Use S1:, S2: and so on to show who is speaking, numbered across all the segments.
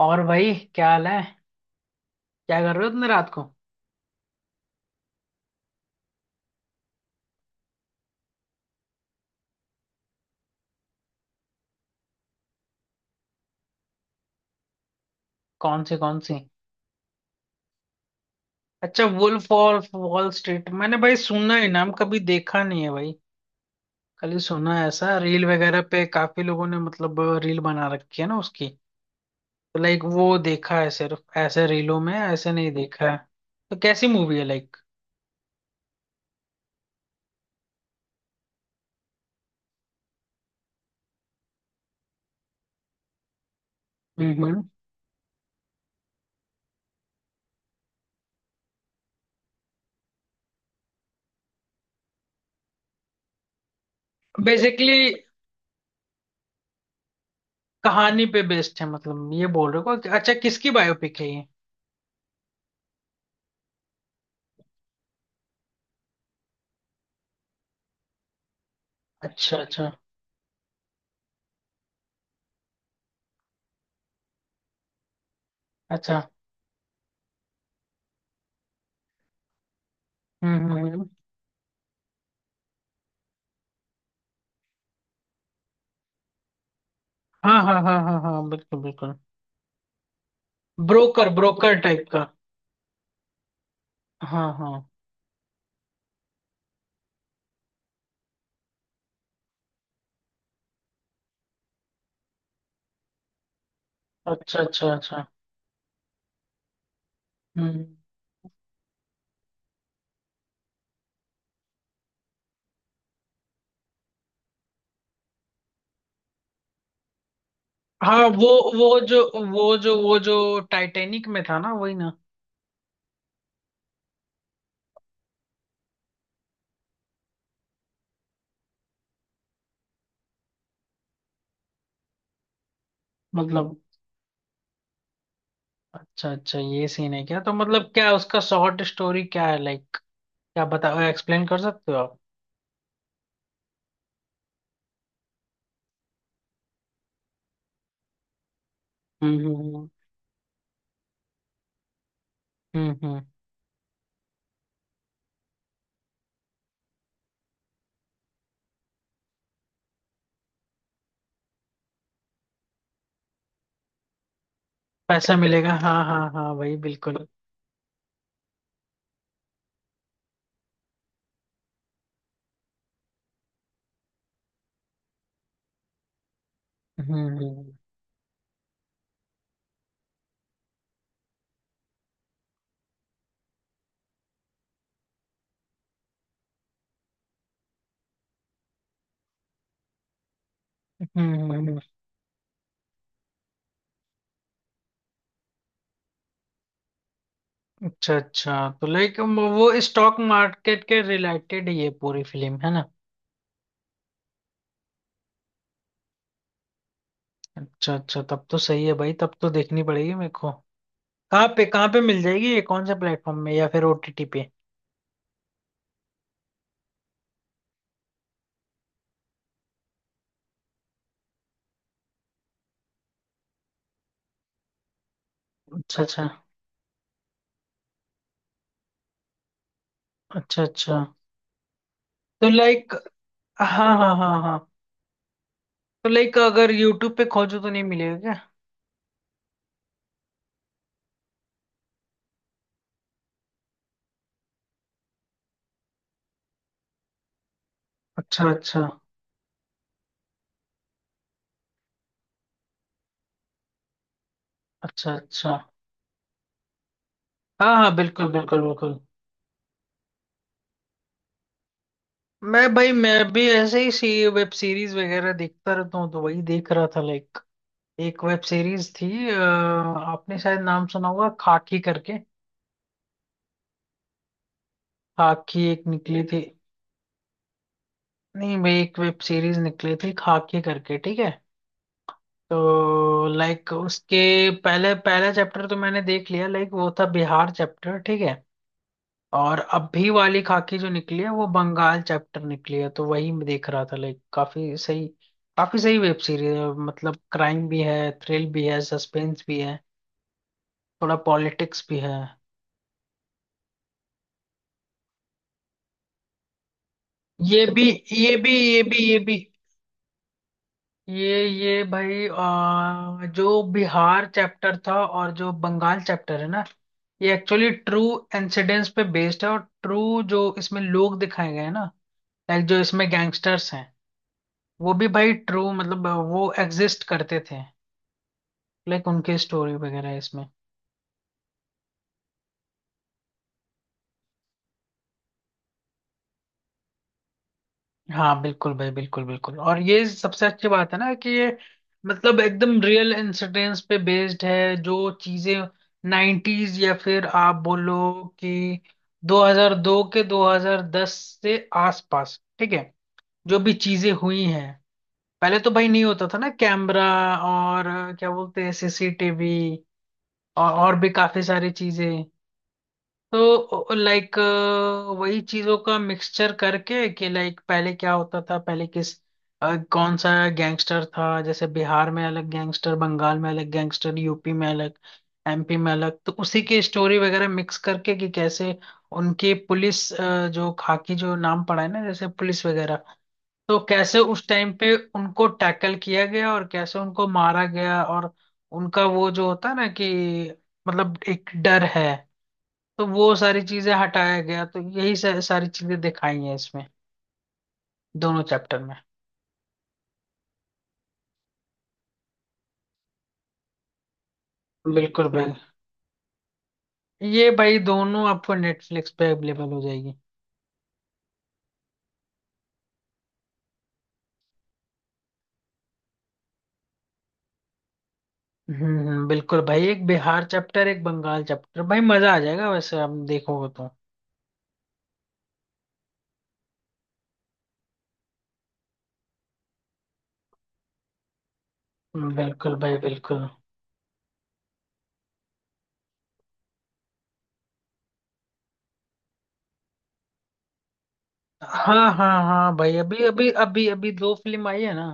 S1: और भाई क्या हाल है। क्या कर रहे हो इतने रात को। कौन सी कौन सी? अच्छा, वुल्फ ऑफ वॉल स्ट्रीट, मैंने भाई सुना है नाम, कभी देखा नहीं है भाई। खाली सुना है, ऐसा रील वगैरह पे काफी लोगों ने मतलब रील बना रखी है ना उसकी। तो लाइक वो देखा है सिर्फ ऐसे रीलों में, ऐसे नहीं देखा है। तो कैसी मूवी है लाइक? हम्म। बेसिकली कहानी पे बेस्ड है, मतलब ये बोल रहे हो। अच्छा, किसकी बायोपिक है ये? अच्छा अच्छा अच्छा। हम्म हम्म हम्म। हाँ हाँ हाँ हाँ हाँ, बिल्कुल बिल्कुल। ब्रोकर, ब्रोकर टाइप का। हाँ हाँ। अच्छा अच्छा अच्छा। हम्म। हाँ वो, वो जो वो जो टाइटैनिक में था ना, वही ना? मतलब अच्छा अच्छा, ये सीन है क्या, तो मतलब क्या उसका शॉर्ट स्टोरी क्या है लाइक? क्या बता, एक्सप्लेन कर सकते हो आप? हम्म। हम्म हम्म, हम्म। पैसा मिलेगा, हाँ हाँ हाँ, वही बिल्कुल। हम्म हम्म हम्म, हम्म, हम्म, हम्म। अच्छा अच्छा, तो लाइक वो स्टॉक मार्केट के रिलेटेड ये पूरी फिल्म है ना? अच्छा अच्छा, तब तो सही है भाई, तब तो देखनी पड़ेगी मेरे को। कहाँ पे मिल जाएगी ये, कौन से प्लेटफॉर्म में या फिर ओटीटी पे? अच्छा अच्छा। अच्छा अच्छा, तो लाइक, हाँ हाँ हाँ हाँ, तो लाइक अगर यूट्यूब पे खोजो तो नहीं मिलेगा क्या? अच्छा अच्छा। अच्छा अच्छा। हाँ हाँ, बिल्कुल बिल्कुल बिल्कुल। मैं भाई, मैं भी ऐसे ही सी वेब सीरीज वगैरह देखता रहता हूँ, तो वही देख रहा था लाइक। एक वेब सीरीज थी आपने शायद नाम सुना होगा, खाकी करके। खाकी एक निकली थी। नहीं भाई, एक वेब सीरीज निकली थी खाके करके, ठीक है। तो लाइक उसके पहले, पहला चैप्टर तो मैंने देख लिया, लाइक वो था बिहार चैप्टर, ठीक है। और अभी वाली खाकी जो निकली है, वो बंगाल चैप्टर निकली है, तो वही मैं देख रहा था लाइक। काफी सही, काफी सही वेब सीरीज है, मतलब क्राइम भी है, थ्रिल भी है, सस्पेंस भी है, थोड़ा पॉलिटिक्स भी है। ये भी ये भी ये भी ये भी। ये भाई जो बिहार चैप्टर था और जो बंगाल चैप्टर है ना, ये एक्चुअली ट्रू इंसिडेंट्स पे बेस्ड है। और ट्रू, जो इसमें लोग दिखाए गए हैं ना, लाइक जो इसमें गैंगस्टर्स हैं, वो भी भाई ट्रू, मतलब वो एग्जिस्ट करते थे, लाइक उनकी स्टोरी वगैरह है इसमें। हाँ बिल्कुल भाई, बिल्कुल बिल्कुल। और ये सबसे अच्छी बात है ना कि ये मतलब एकदम रियल इंसिडेंट्स पे बेस्ड है। जो चीजें 90s या फिर आप बोलो कि 2002 के 2010 से आसपास, ठीक है, जो भी चीजें हुई हैं, पहले तो भाई नहीं होता था ना कैमरा और क्या बोलते हैं, सीसीटीवी और भी काफी सारी चीजें। तो लाइक वही चीजों का मिक्सचर करके कि लाइक पहले क्या होता था, पहले किस कौन सा गैंगस्टर था, जैसे बिहार में अलग गैंगस्टर, बंगाल में अलग गैंगस्टर, यूपी में अलग, एमपी में अलग, तो उसी की स्टोरी वगैरह मिक्स करके कि कैसे उनकी पुलिस जो खाकी जो नाम पड़ा है ना जैसे पुलिस वगैरह, तो कैसे उस टाइम पे उनको टैकल किया गया, और कैसे उनको मारा गया, और उनका वो जो होता है ना कि मतलब एक डर है, तो वो सारी चीजें हटाया गया। तो यही सारी चीजें दिखाई हैं इसमें, दोनों चैप्टर में। बिल्कुल भाई, ये भाई दोनों आपको नेटफ्लिक्स पे अवेलेबल हो जाएगी। बिल्कुल भाई, एक बिहार चैप्टर, एक बंगाल चैप्टर, भाई मजा आ जाएगा वैसे हम देखोगे तो। बिल्कुल भाई बिल्कुल। हाँ हाँ हाँ भाई, अभी अभी अभी अभी दो फिल्म आई है ना।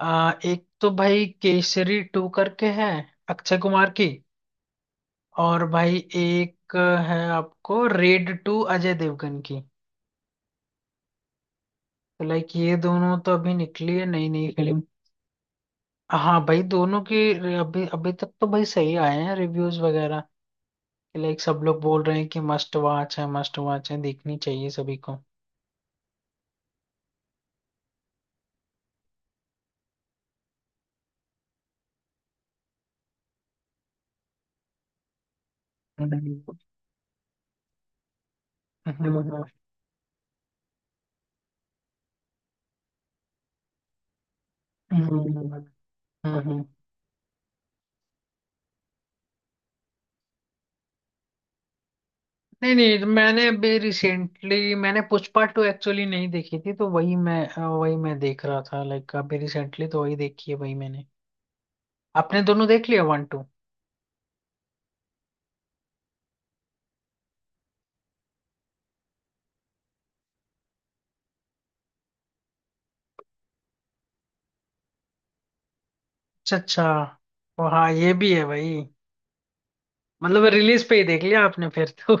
S1: एक तो भाई केसरी टू करके है, अक्षय कुमार की, और भाई एक है आपको रेड टू, अजय देवगन की। तो लाइक ये दोनों तो अभी निकली है, नई नई फिल्म। हाँ भाई, दोनों की अभी अभी तक तो भाई सही आए हैं रिव्यूज वगैरह, लाइक सब लोग बोल रहे हैं कि मस्ट वॉच है मस्ट वॉच है, देखनी चाहिए सभी को। हम्म हम्म हम्म हम्म। नहीं नहीं, तो मैंने अभी रिसेंटली मैंने पुष्पा टू एक्चुअली नहीं देखी थी, तो वही मैं वही मैं देख रहा था लाइक। अभी रिसेंटली तो वही देखी है, वही मैंने। आपने दोनों देख लिया, वन टू? अच्छा अच्छा, ओ हाँ, ये भी है भाई, मतलब रिलीज पे ही देख लिया आपने फिर तो।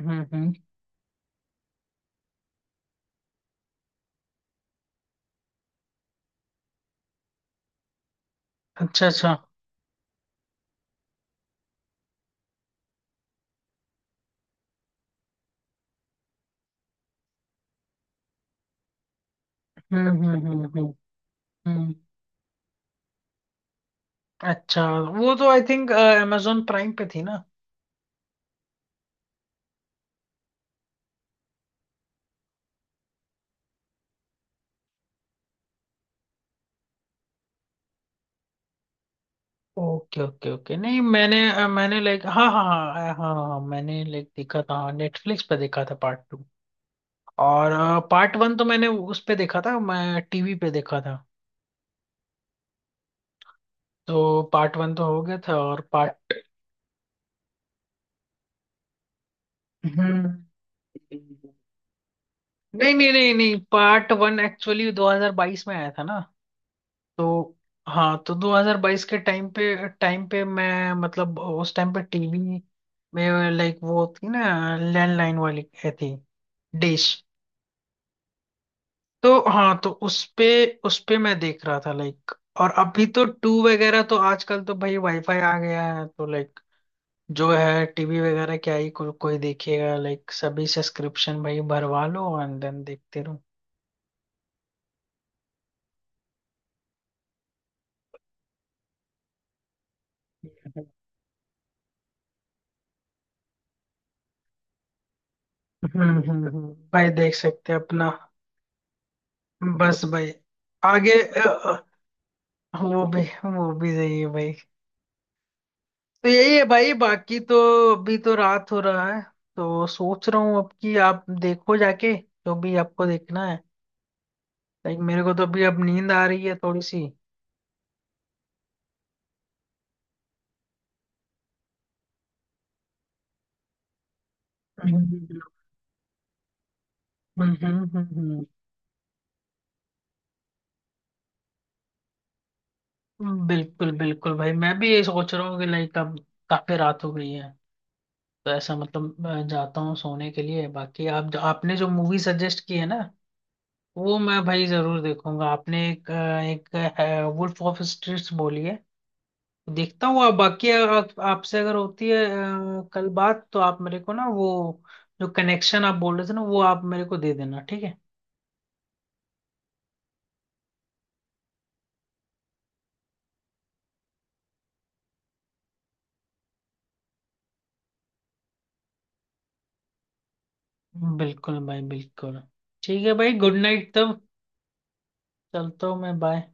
S1: हम्म। अच्छा अच्छा। हम्म हम्म हम्म हम्म हम्म। अच्छा वो तो आई थिंक amazon प्राइम पे थी ना। ओके ओके ओके, नहीं मैंने मैंने लाइक, हाँ हाँ हाँ हाँ हाँ, मैंने लाइक देखा था, नेटफ्लिक्स पे देखा था पार्ट टू। और पार्ट वन तो मैंने उस पे देखा था, मैं टीवी पे देखा था। तो पार्ट वन तो हो गया था, और पार्ट, हम्म, नहीं नहीं नहीं नहीं, पार्ट वन एक्चुअली 2022 में आया था ना। तो हाँ, तो 2022 के टाइम पे, टाइम पे मैं, मतलब उस टाइम पे टीवी में, लाइक वो थी ना लैंडलाइन वाली ये थी, डिश, तो हाँ, तो उस पे, उस पे मैं देख रहा था लाइक। और अभी तो टू वगैरह तो, आजकल तो भाई वाईफाई आ गया है तो लाइक, जो है टीवी वगैरह क्या ही कोई देखेगा लाइक, सभी सब्सक्रिप्शन भाई भरवा लो एंड देन देखते रहो। हम्म भाई देख सकते हैं अपना, बस भाई। आगे वो भी, वो भी सही है भाई। तो यही है भाई, बाकी तो अभी तो रात हो रहा है, तो सोच रहा हूँ अब कि आप देखो जाके जो भी आपको देखना है, लाइक मेरे को तो अभी अब नींद आ रही है थोड़ी सी। हम्म हम्म हम्म हम्म, हम्म। बिल्कुल बिल्कुल भाई, मैं भी ये सोच रहा हूँ कि लाइक अब काफी रात हो गई है, तो ऐसा मतलब मैं जाता हूँ सोने के लिए। बाकी आप जो, आपने जो मूवी सजेस्ट की है ना, वो मैं भाई जरूर देखूंगा। आपने एक एक वुल्फ ऑफ स्ट्रीट्स बोली है, देखता हूँ। आप बाकी अगर आपसे अगर होती है कल बात, तो आप मेरे को ना वो जो कनेक्शन आप बोल रहे थे ना, वो आप मेरे को दे देना, ठीक है। बिल्कुल भाई बिल्कुल। ठीक है भाई, गुड नाइट तब। चलता हूँ मैं, बाय।